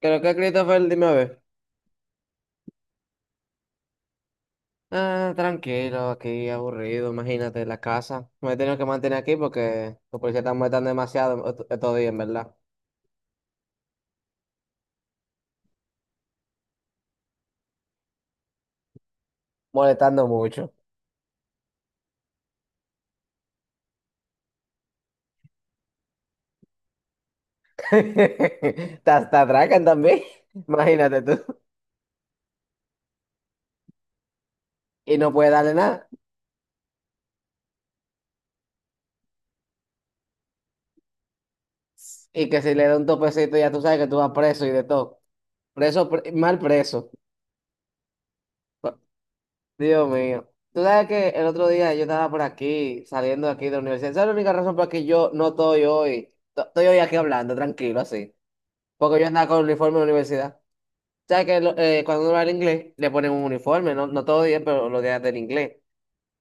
Creo que Christopher, dime a ver. Ah, tranquilo, aquí aburrido, imagínate, la casa. Me he tenido que mantener aquí porque los policías están molestando demasiado estos días, en verdad. Molestando mucho. Te atracan también, imagínate tú. Y no puedes darle nada. Y que si le da un topecito ya tú sabes que tú vas preso y de todo. Preso, mal preso. Dios mío. Tú sabes que el otro día yo estaba por aquí, saliendo de aquí de la universidad. Esa es la única razón por la que yo no estoy hoy. Estoy hoy aquí hablando, tranquilo, así. Porque yo andaba con uniforme en la universidad. ¿Sabes que cuando uno va al inglés, le ponen un uniforme? No, no todos los días, pero los días del inglés.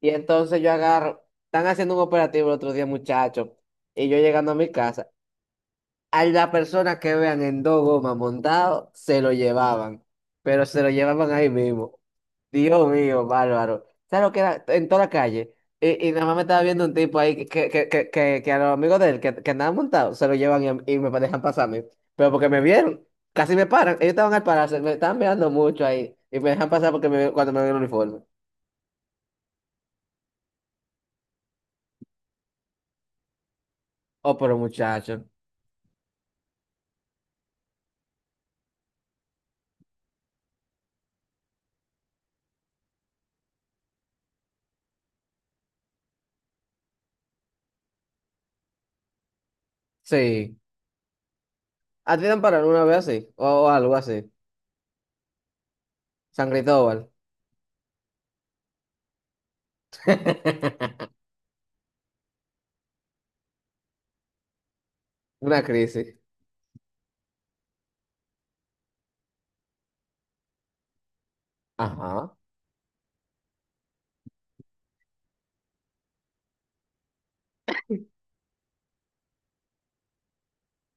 Y entonces yo agarro, están haciendo un operativo el otro día, muchachos, y yo llegando a mi casa, a la persona que vean en dos gomas montado, se lo llevaban, pero se lo llevaban ahí mismo. Dios mío, bárbaro. ¿Sabes lo que era? En toda la calle. Y nada más me estaba viendo un tipo ahí que a los amigos de él que andaban montados se lo llevan, y me dejan pasarme. Pero porque me vieron, casi me paran. Ellos estaban al pararse, me estaban mirando mucho ahí. Y me dejan pasar porque cuando me ven el uniforme. Oh, pero muchacho. Sí. ¿A ti te han parado una vez así? O algo así. San Cristóbal. Una crisis. Ajá.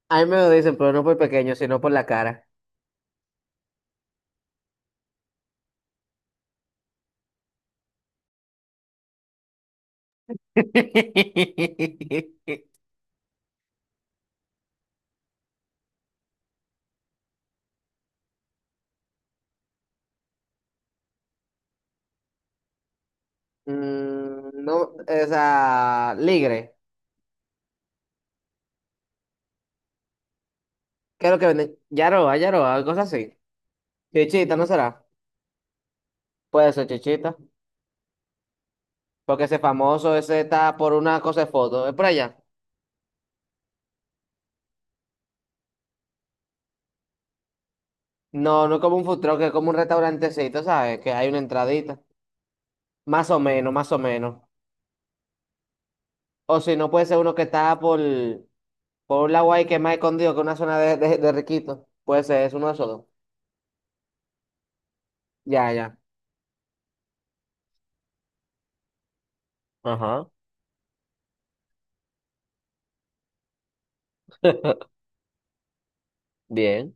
A mí me lo dicen, pero no por pequeño, sino por la cara. Mm, no, o sea, ligre. ¿Qué es lo que venden? Yaroa, Yaroa, cosas así. Chichita, ¿no será? Puede ser chichita. Porque ese famoso, ese está por una cosa de foto. Es por allá. No, no es como un food truck, es como un restaurantecito, ¿sabes? Que hay una entradita. Más o menos, más o menos. O si no, puede ser uno que está por un lado ahí que es más escondido que una zona de riquito. Puede ser, es uno de esos dos. Ya, ya. Ajá, bien,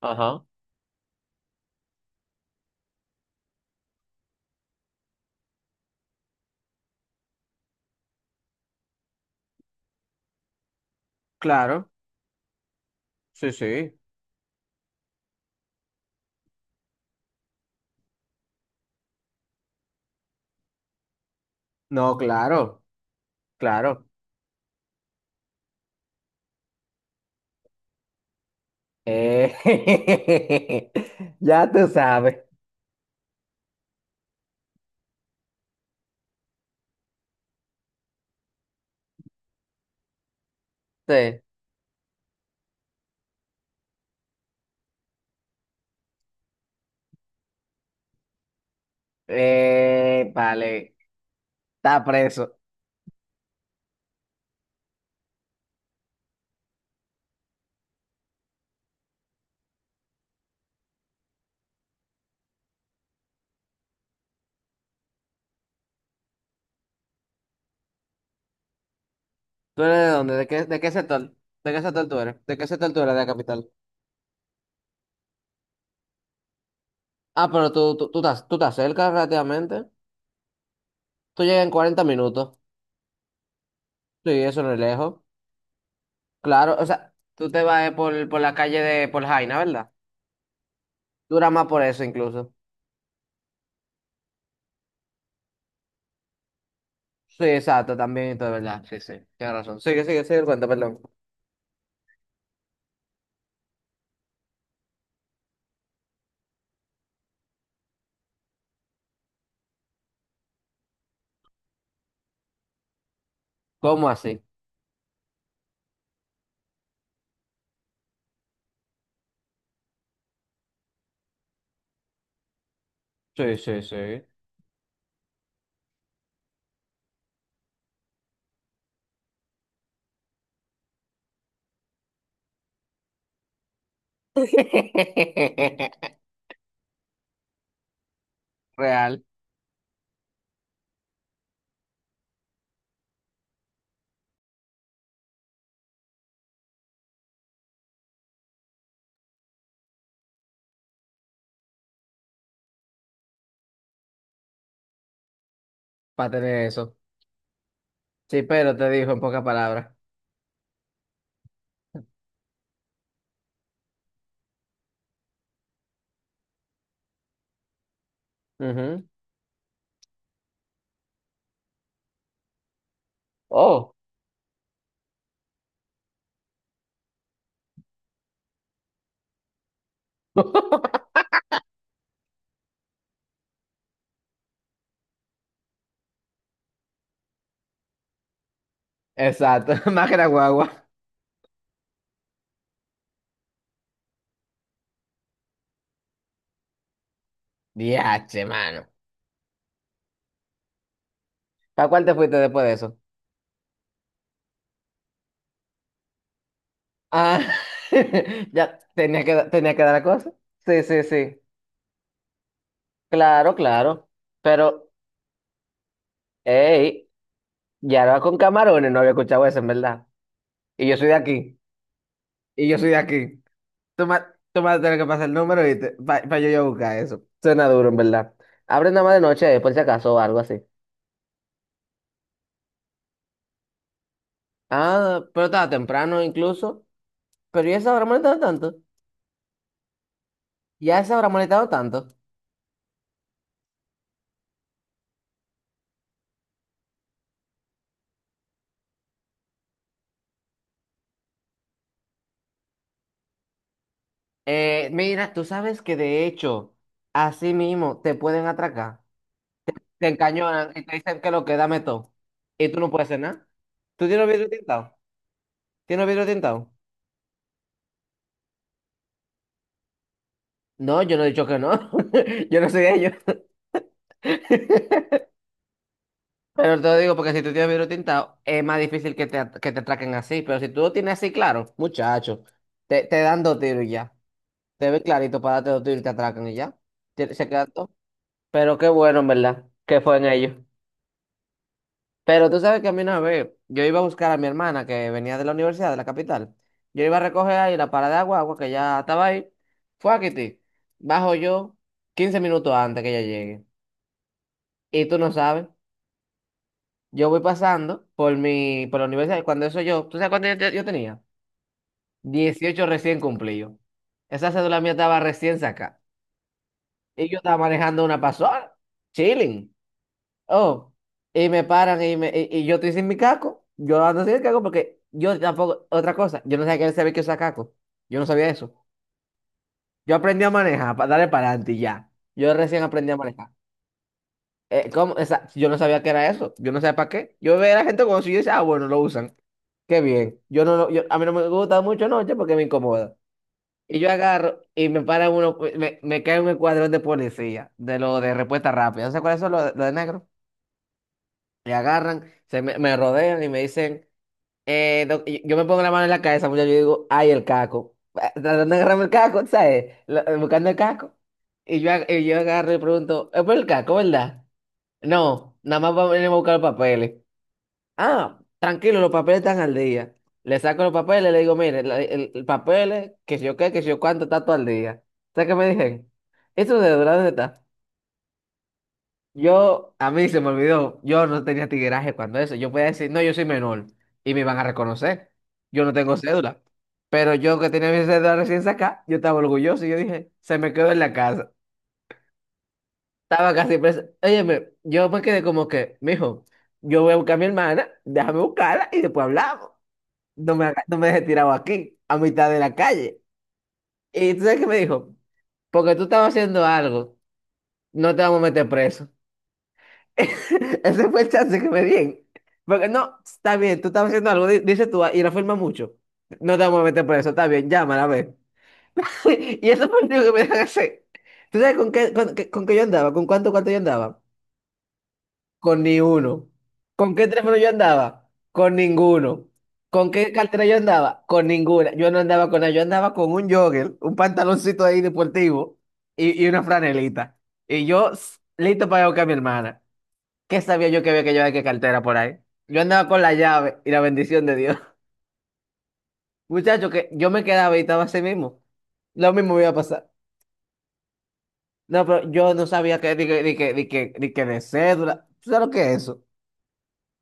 ajá. Claro, sí, sí. No, claro, claro. Eh, ya tú sabes. Sí. Vale, está preso. ¿Tú eres de dónde? ¿De qué sector? ¿De qué sector tú eres? ¿De qué sector tú eres de la capital? Ah, pero tú estás cerca relativamente. Tú llegas en 40 minutos. Sí, eso no es lejos. Claro, o sea, tú te vas por la calle de por Jaina, ¿verdad? Dura más por eso incluso. Sí, exacto, también, y todo, es ¿verdad? Sí, sí, tienes razón. Sigue, sigue, sigue el cuento, perdón. ¿Cómo así? Sí, sí, sí. real para tener eso. Sí, pero te dijo en pocas palabras. Ujú. Oh. Exacto, más que la guagua. Diache, mano. ¿Para cuál te fuiste después de eso? Ah, ya tenía que dar la cosa. Sí, sí, sí. Claro, claro. Pero, hey, ya era con camarones, no había escuchado eso, en verdad. Y yo soy de aquí. Y yo soy de aquí. Tú me, tú me vas a tener que pasar el número y para yo buscar eso. Suena duro, en verdad. Abre nada más de noche, por si acaso, o algo así. Ah, pero estaba temprano incluso. Pero ya se habrá molestado tanto. Ya se habrá molestado tanto. Mira, tú sabes que de hecho, así mismo te pueden atracar. Te encañonan y te dicen que lo que dame todo. Y tú no puedes hacer nada. ¿Tú tienes vidrio tintado? ¿Tienes vidrio tintado? No, yo no he dicho que no. Yo no soy ellos. Pero te lo digo porque si tú tienes vidrio tintado, es más difícil que que te atraquen así. Pero si tú lo tienes así, claro, muchacho, te dan dos tiros y ya. Te ve clarito para darte los tiros y te atracan y ya. Se quedan todo. Pero qué bueno, en verdad, que fue en ellos. Pero tú sabes que a mí una vez, yo iba a buscar a mi hermana que venía de la universidad, de la capital. Yo iba a recoger ahí la parada de agua que ya estaba ahí. Fue a Kitty. Bajo yo 15 minutos antes que ella llegue. Y tú no sabes, yo voy pasando por la universidad. Y cuando eso yo, ¿tú sabes cuánto yo tenía 18 recién cumplidos. Esa cédula mía estaba recién sacada. Y yo estaba manejando una pasola, chilling. Oh, y me paran y yo estoy sin mi caco. Yo ando sin el caco porque yo tampoco, otra cosa, yo no sabía que él sabía que usaba caco. Yo no sabía eso. Yo aprendí a manejar, para darle para adelante y ya. Yo recién aprendí a manejar. ¿Cómo? Yo no sabía que era eso. Yo no sabía para qué. Yo veía a la gente con eso y yo decía, ah, bueno, lo usan. Qué bien. Yo no, lo- yo, A mí no me gusta mucho noche porque me incomoda. Y yo agarro y me para uno, me cae un escuadrón de policía, de lo de respuesta rápida. ¿No sé cuáles son lo de negro? Me agarran, me rodean y me dicen. No, yo me pongo la mano en la cabeza, muchacho, yo digo, ay, el caco. Ah, tratando de agarrarme el caco, ¿sabes? Buscando el caco. Y yo agarro y pregunto, ¿es por el caco, verdad? No, nada más vamos a venir a buscar los papeles. Ah, tranquilo, los papeles están al día. Le saco los papeles, le digo, mire, el papel, es que si yo qué, que si yo cuánto, está todo al día. ¿Sabes qué me dicen? ¿Eso de dónde está? A mí se me olvidó, yo no tenía tigueraje cuando eso. Yo podía decir, no, yo soy menor y me van a reconocer. Yo no tengo cédula. Pero yo que tenía mi cédula recién sacada, yo estaba orgulloso y yo dije, se me quedó en la casa. Estaba casi presa. Óyeme, yo me quedé como que, mijo, yo voy a buscar a mi hermana, déjame buscarla y después hablamos. No me dejes tirado aquí, a mitad de la calle. Y tú sabes qué me dijo, porque tú estabas haciendo algo, no te vamos a meter preso. Ese fue el chance que me di. Porque no, está bien, tú estás haciendo algo, dice tú, ah, y la firma mucho. No te vamos a meter por eso, está bien, llámala a ver. Y eso fue lo único que me dejan hacer. ¿Tú sabes con qué yo andaba? ¿Con cuánto yo andaba? Con ni uno. ¿Con qué teléfono yo andaba? Con ninguno. ¿Con qué cartera yo andaba? Con ninguna. Yo no andaba con nada, yo andaba con un jogger, un pantaloncito ahí deportivo y una franelita. Listo para ir a buscar a mi hermana. ¿Qué sabía yo que había que llevar qué cartera por ahí? Yo andaba con la llave y la bendición de Dios. Muchacho, que yo me quedaba y estaba así mismo. Lo mismo me iba a pasar. No, pero yo no sabía que, ni que de cédula. ¿Tú sabes lo que es eso?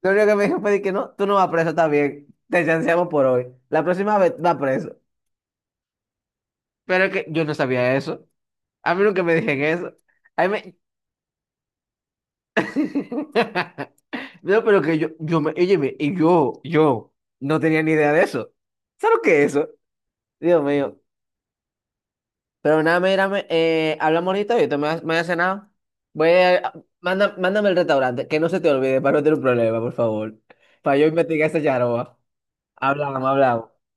Lo único que me dijo fue de que no, tú no vas preso, está bien. Te chanceamos por hoy. La próxima vez vas preso. Pero es que yo no sabía eso. A mí nunca me dijeron eso. A mí me... No, pero que óyeme, y yo no tenía ni idea de eso. ¿Sabes lo que es eso? Dios mío. Pero nada, mírame, hablamos ahorita, voy a cenar. Voy a, Mándame el restaurante, que no se te olvide para no tener un problema, por favor. Para yo investigar esa yaroba. Hablamos, hablamos.